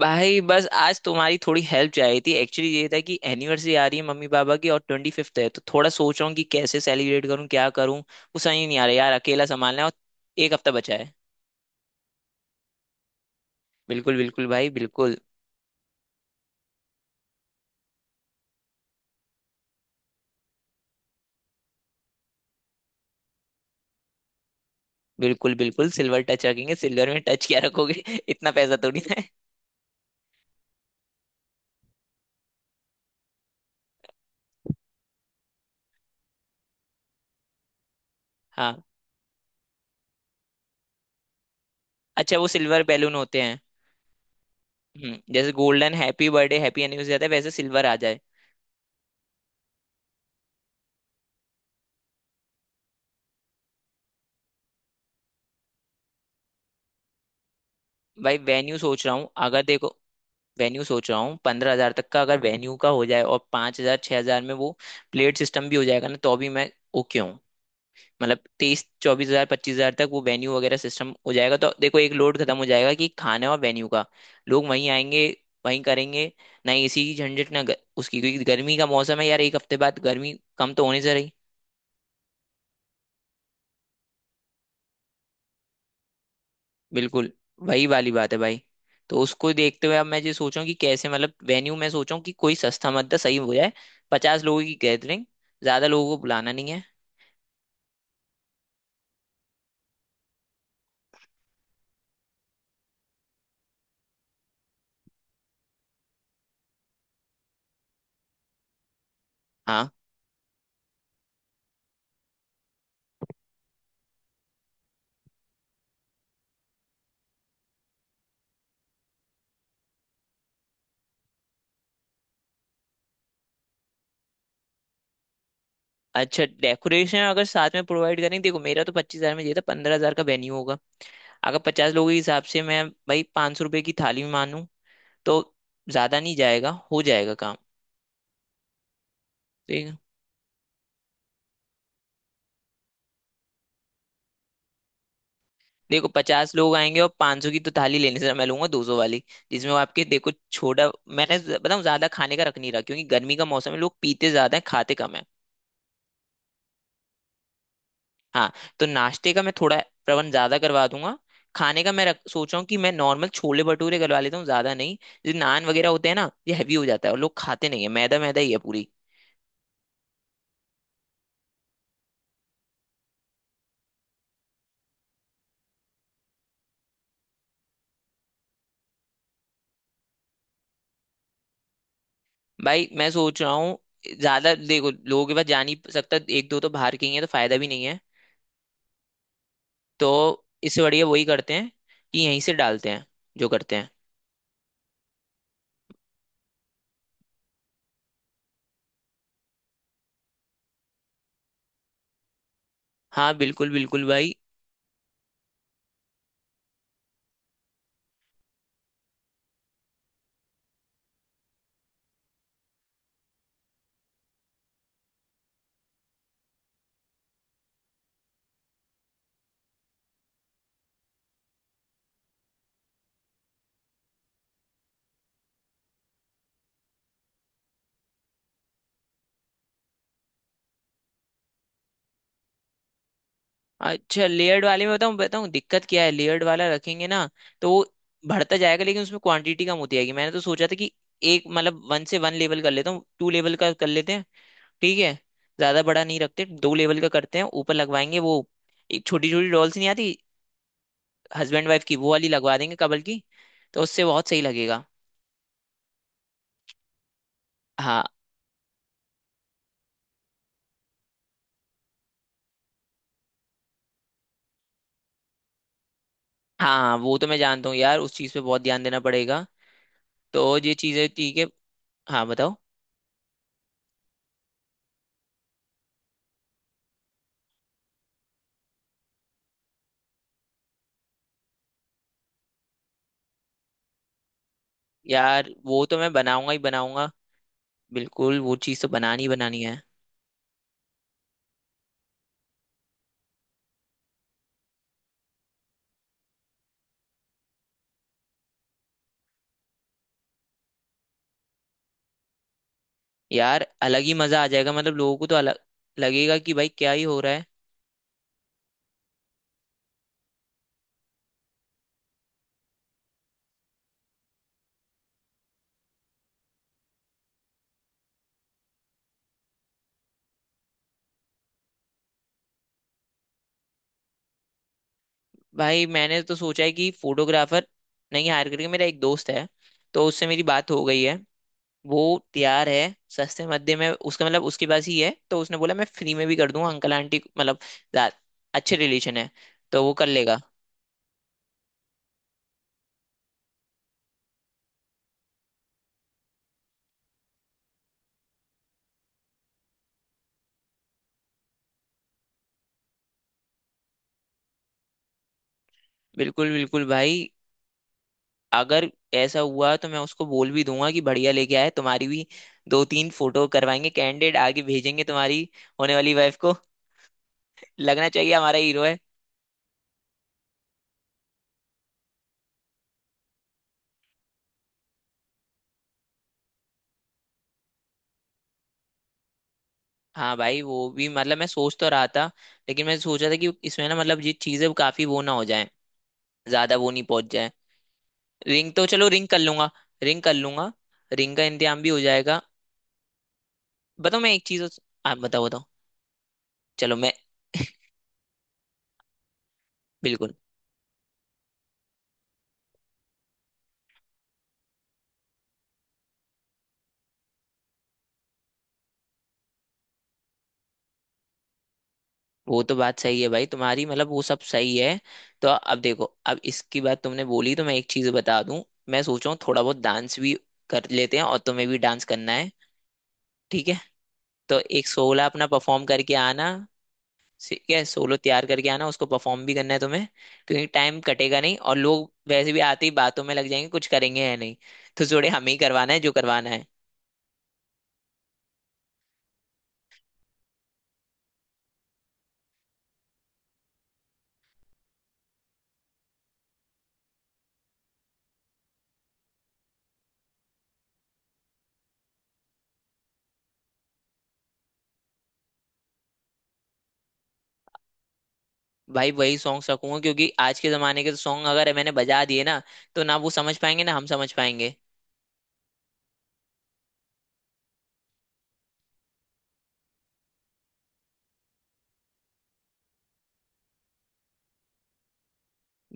भाई बस आज तुम्हारी थोड़ी हेल्प चाहिए थी। एक्चुअली ये था कि एनिवर्सरी आ रही है मम्मी पापा की और ट्वेंटी फिफ्थ है, तो थोड़ा सोच रहा हूँ कि कैसे सेलिब्रेट करूँ, क्या करूँ, वो समझ ही नहीं आ रहा यार। अकेला संभालना है और एक हफ्ता बचा है। बिल्कुल बिल्कुल भाई बिल्कुल। बिल्कुल बिल्कुल सिल्वर टच रखेंगे। सिल्वर में टच क्या रखोगे इतना पैसा थोड़ी ना है। हाँ। अच्छा वो सिल्वर बैलून होते हैं। हम्म, जैसे golden happy birthday happy anniversary आता है वैसे सिल्वर आ जाए। भाई वेन्यू सोच रहा हूँ, अगर देखो वेन्यू सोच रहा हूँ 15 हज़ार तक का, अगर वेन्यू का हो जाए और 5 हज़ार 6 हज़ार में वो प्लेट सिस्टम भी हो जाएगा ना तो भी मैं ओके हूँ। मतलब 23-24 हज़ार, 25 हज़ार तक वो वेन्यू वगैरह सिस्टम हो जाएगा, तो देखो एक लोड खत्म हो जाएगा कि खाने और वेन्यू का। लोग वहीं आएंगे, वहीं करेंगे। ना एसी की झंझट, ना उसकी, क्योंकि गर्मी का मौसम है यार, एक हफ्ते बाद गर्मी कम तो होने से रही। बिल्कुल। वही वाली बात है भाई। तो उसको देखते हुए अब मैं ये सोचूं कि कैसे मतलब वेन्यू में सोचूं कि कोई सस्ता मद्दा सही हो जाए। 50 लोगों की गैदरिंग, ज्यादा लोगों को बुलाना नहीं है। हाँ। अच्छा डेकोरेशन अगर साथ में प्रोवाइड करेंगे, देखो मेरा तो 25 हज़ार में चाहिए था, 15 हज़ार का वेन्यू होगा। अगर 50 लोगों के हिसाब से मैं भाई ₹500 की थाली में मानूं तो ज्यादा नहीं जाएगा, हो जाएगा काम। देखो 50 लोग आएंगे, और 500 की तो थाली लेने से मैं लूंगा 200 वाली, जिसमें वो आपके देखो छोटा। बताऊं ज्यादा खाने का रख नहीं रहा क्योंकि गर्मी का मौसम है, लोग पीते ज्यादा है खाते कम है। हाँ। तो नाश्ते का मैं थोड़ा प्रबंध ज्यादा करवा दूंगा। खाने का सोच रहा हूँ कि मैं नॉर्मल छोले भटूरे करवा लेता हूँ, ज्यादा नहीं। जो नान वगैरह होते हैं ना, ये हैवी हो जाता है और लोग खाते नहीं है, मैदा मैदा ही है पूरी। भाई मैं सोच रहा हूँ, ज्यादा देखो लोगों के पास जा नहीं सकता, एक दो तो बाहर के ही है तो फायदा भी नहीं है। तो इससे बढ़िया वही करते हैं कि यहीं से डालते हैं जो करते हैं। हाँ बिल्कुल बिल्कुल भाई। अच्छा लेयर्ड वाले में बताऊँ बताऊँ दिक्कत क्या है। लेयर्ड वाला रखेंगे ना, तो वो बढ़ता जाएगा लेकिन उसमें क्वांटिटी कम होती जाएगी। मैंने तो सोचा था कि एक मतलब वन से वन लेवल कर लेता हूँ, टू लेवल का कर लेते हैं। ठीक है। ज्यादा बड़ा नहीं रखते, दो लेवल का करते हैं, ऊपर लगवाएंगे वो एक छोटी छोटी डॉल्स नहीं आती हस्बैंड वाइफ की, वो वाली लगवा देंगे कबल की। तो उससे बहुत सही लगेगा। हाँ हाँ, हाँ वो तो मैं जानता हूँ यार, उस चीज़ पे बहुत ध्यान देना पड़ेगा, तो ये चीजें ठीक है। हाँ बताओ। यार वो तो मैं बनाऊंगा ही बनाऊंगा। बिल्कुल वो चीज तो बनानी ही बनानी है। यार अलग ही मजा आ जाएगा, मतलब लोगों को तो अलग लगेगा कि भाई क्या ही हो रहा है। भाई मैंने तो सोचा है कि फोटोग्राफर नहीं हायर करके, मेरा एक दोस्त है तो उससे मेरी बात हो गई है। वो तैयार है, सस्ते मध्य में उसका मतलब उसके पास ही है तो उसने बोला मैं फ्री में भी कर दूंगा अंकल आंटी मतलब दा- अच्छे रिलेशन है। तो वो कर लेगा। बिल्कुल बिल्कुल भाई, अगर ऐसा हुआ तो मैं उसको बोल भी दूंगा कि बढ़िया लेके आए, तुम्हारी भी 2-3 फोटो करवाएंगे, कैंडिडेट आगे भेजेंगे तुम्हारी होने वाली वाइफ को। लगना चाहिए हमारा हीरो है। हाँ भाई वो भी मतलब मैं सोच तो रहा था, लेकिन मैं सोचा था कि इसमें ना मतलब ये चीजें काफी वो ना हो जाए, ज्यादा वो नहीं पहुंच जाए। रिंग तो चलो रिंग कर लूंगा, रिंग कर लूंगा, रिंग का इंतजाम भी हो जाएगा। बताओ मैं एक चीज। आप बताओ बताओ, चलो मैं। बिल्कुल। वो तो बात सही है भाई तुम्हारी, मतलब वो सब सही है। तो अब देखो, अब इसकी बात तुमने बोली तो मैं एक चीज बता दूं। मैं सोच रहा हूँ थोड़ा बहुत डांस भी कर लेते हैं, और तुम्हें भी डांस करना है। ठीक है, तो एक सोला अपना परफॉर्म करके आना। ठीक है, सोलो तैयार करके आना, उसको परफॉर्म भी करना है तुम्हें। क्योंकि टाइम कटेगा नहीं, और लोग वैसे भी आते ही बातों में लग जाएंगे, कुछ करेंगे या नहीं। तो जोड़े हमें ही करवाना है जो करवाना है। भाई वही सॉन्ग रखूंगा, क्योंकि आज के जमाने के तो सॉन्ग अगर मैंने बजा दिए ना तो ना वो समझ पाएंगे ना हम समझ पाएंगे।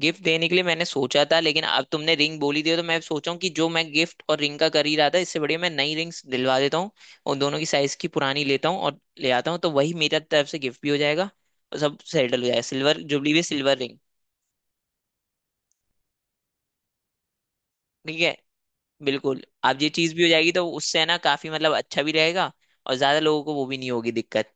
गिफ्ट देने के लिए मैंने सोचा था, लेकिन अब तुमने रिंग बोली दी है, तो मैं सोचा हूँ कि जो मैं गिफ्ट और रिंग का कर ही रहा था, इससे बढ़िया मैं नई रिंग्स दिलवा देता हूँ। और दोनों की साइज की पुरानी लेता हूँ और ले आता हूँ, तो वही मेरा तरफ से गिफ्ट भी हो जाएगा। और सब सेटल हो जाएगा, सिल्वर जुबली भी सिल्वर रिंग। ठीक है। बिल्कुल, अब ये चीज भी हो जाएगी, तो उससे है ना काफी मतलब अच्छा भी रहेगा। और ज्यादा लोगों को वो भी नहीं होगी दिक्कत।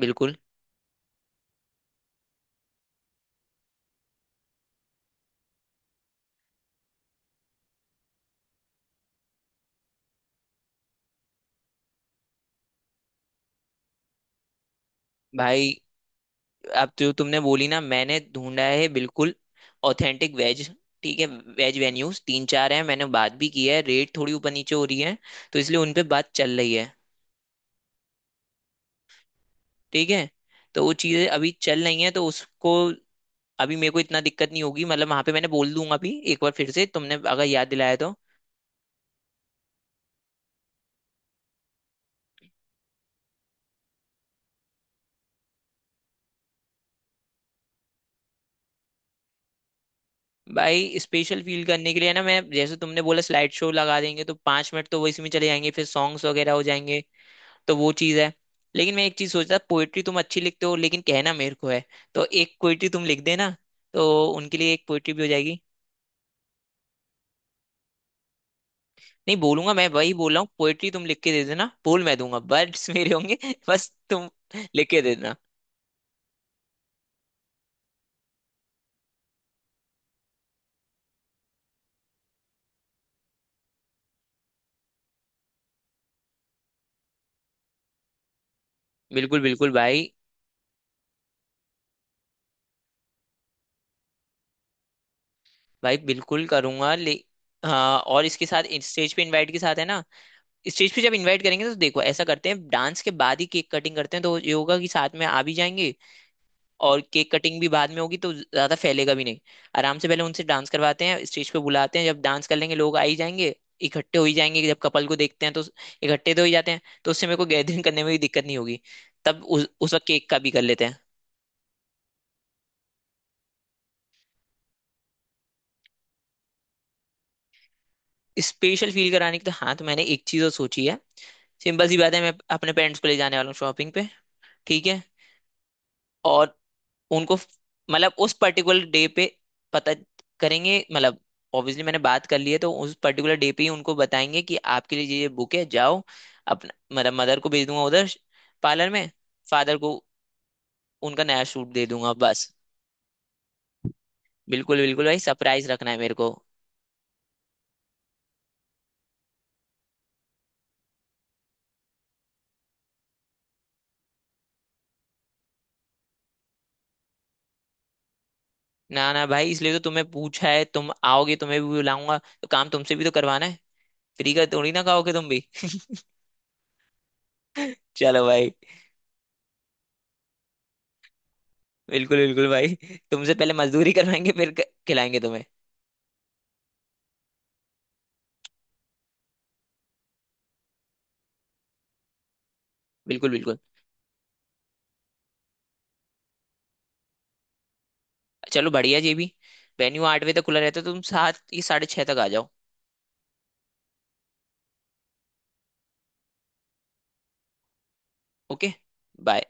बिल्कुल भाई। अब जो तुमने बोली ना, मैंने ढूंढा है बिल्कुल ऑथेंटिक वेज। ठीक है, वेज वेन्यूज 3-4 हैं, मैंने बात भी की है, रेट थोड़ी ऊपर नीचे हो रही है, तो इसलिए उन पे बात चल रही है। ठीक है। तो वो चीज़ें अभी चल रही हैं, तो उसको अभी मेरे को इतना दिक्कत नहीं होगी, मतलब वहां पे मैंने बोल दूंगा अभी एक बार, फिर से तुमने अगर याद दिलाया तो। भाई स्पेशल फील करने के लिए ना, मैं जैसे तुमने बोला स्लाइड शो लगा देंगे तो 5 मिनट तो वो इसमें चले जाएंगे, फिर सॉन्ग्स वगैरह हो जाएंगे, तो वो चीज़ है। लेकिन मैं एक चीज़ सोचता, पोएट्री तुम अच्छी लिखते हो लेकिन कहना मेरे को है, तो एक पोएट्री तुम लिख देना, तो उनके लिए एक पोएट्री भी हो जाएगी। नहीं बोलूंगा मैं, वही बोल रहा हूँ, पोएट्री तुम लिख के दे देना, बोल मैं दूंगा, वर्ड्स मेरे होंगे बस तुम लिख के दे देना। बिल्कुल बिल्कुल भाई। भाई बिल्कुल करूंगा ले। हाँ और इसके साथ स्टेज पे इनवाइट के साथ है ना, स्टेज पे जब इनवाइट करेंगे तो देखो ऐसा करते हैं, डांस के बाद ही केक कटिंग करते हैं, तो ये होगा कि साथ में आ भी जाएंगे और केक कटिंग भी बाद में होगी तो ज्यादा फैलेगा भी नहीं। आराम से पहले उनसे डांस करवाते हैं, स्टेज पे बुलाते हैं, जब डांस कर लेंगे लोग आ ही जाएंगे, इकट्ठे हो ही जाएंगे, जब कपल को देखते हैं तो इकट्ठे तो हो ही जाते हैं, तो उससे मेरे को गैदरिंग करने में भी दिक्कत नहीं होगी। तब उस वक्त केक का भी कर लेते हैं। स्पेशल फील कराने की तो हाँ, तो मैंने एक चीज और सोची है। सिंपल सी बात है, मैं अपने पेरेंट्स को ले जाने वाला हूँ शॉपिंग पे। ठीक है। और उनको मतलब उस पर्टिकुलर डे पे पता करेंगे मतलब ऑब्वियसली मैंने बात कर ली है, तो उस पर्टिकुलर डे पे ही उनको बताएंगे कि आपके लिए ये बुक है जाओ। अपना मतलब मदर को भेज दूंगा उधर पार्लर में, फादर को उनका नया सूट दे दूंगा बस। बिल्कुल बिल्कुल भाई, सरप्राइज रखना है मेरे को। ना ना भाई, इसलिए तो तुम्हें पूछा है, तुम आओगे, तुम्हें भी बुलाऊंगा, तो काम तुमसे भी तो करवाना है। फ्री का थोड़ी ना खाओगे तुम भी। चलो भाई। बिल्कुल बिल्कुल भाई, तुमसे पहले मजदूरी करवाएंगे, फिर खिलाएंगे तुम्हें। बिल्कुल बिल्कुल। चलो बढ़िया जी भी। वेन्यू 8 बजे तक खुला रहता है तो तुम सात या साढ़े 6 तक आ जाओ। ओके। बाय।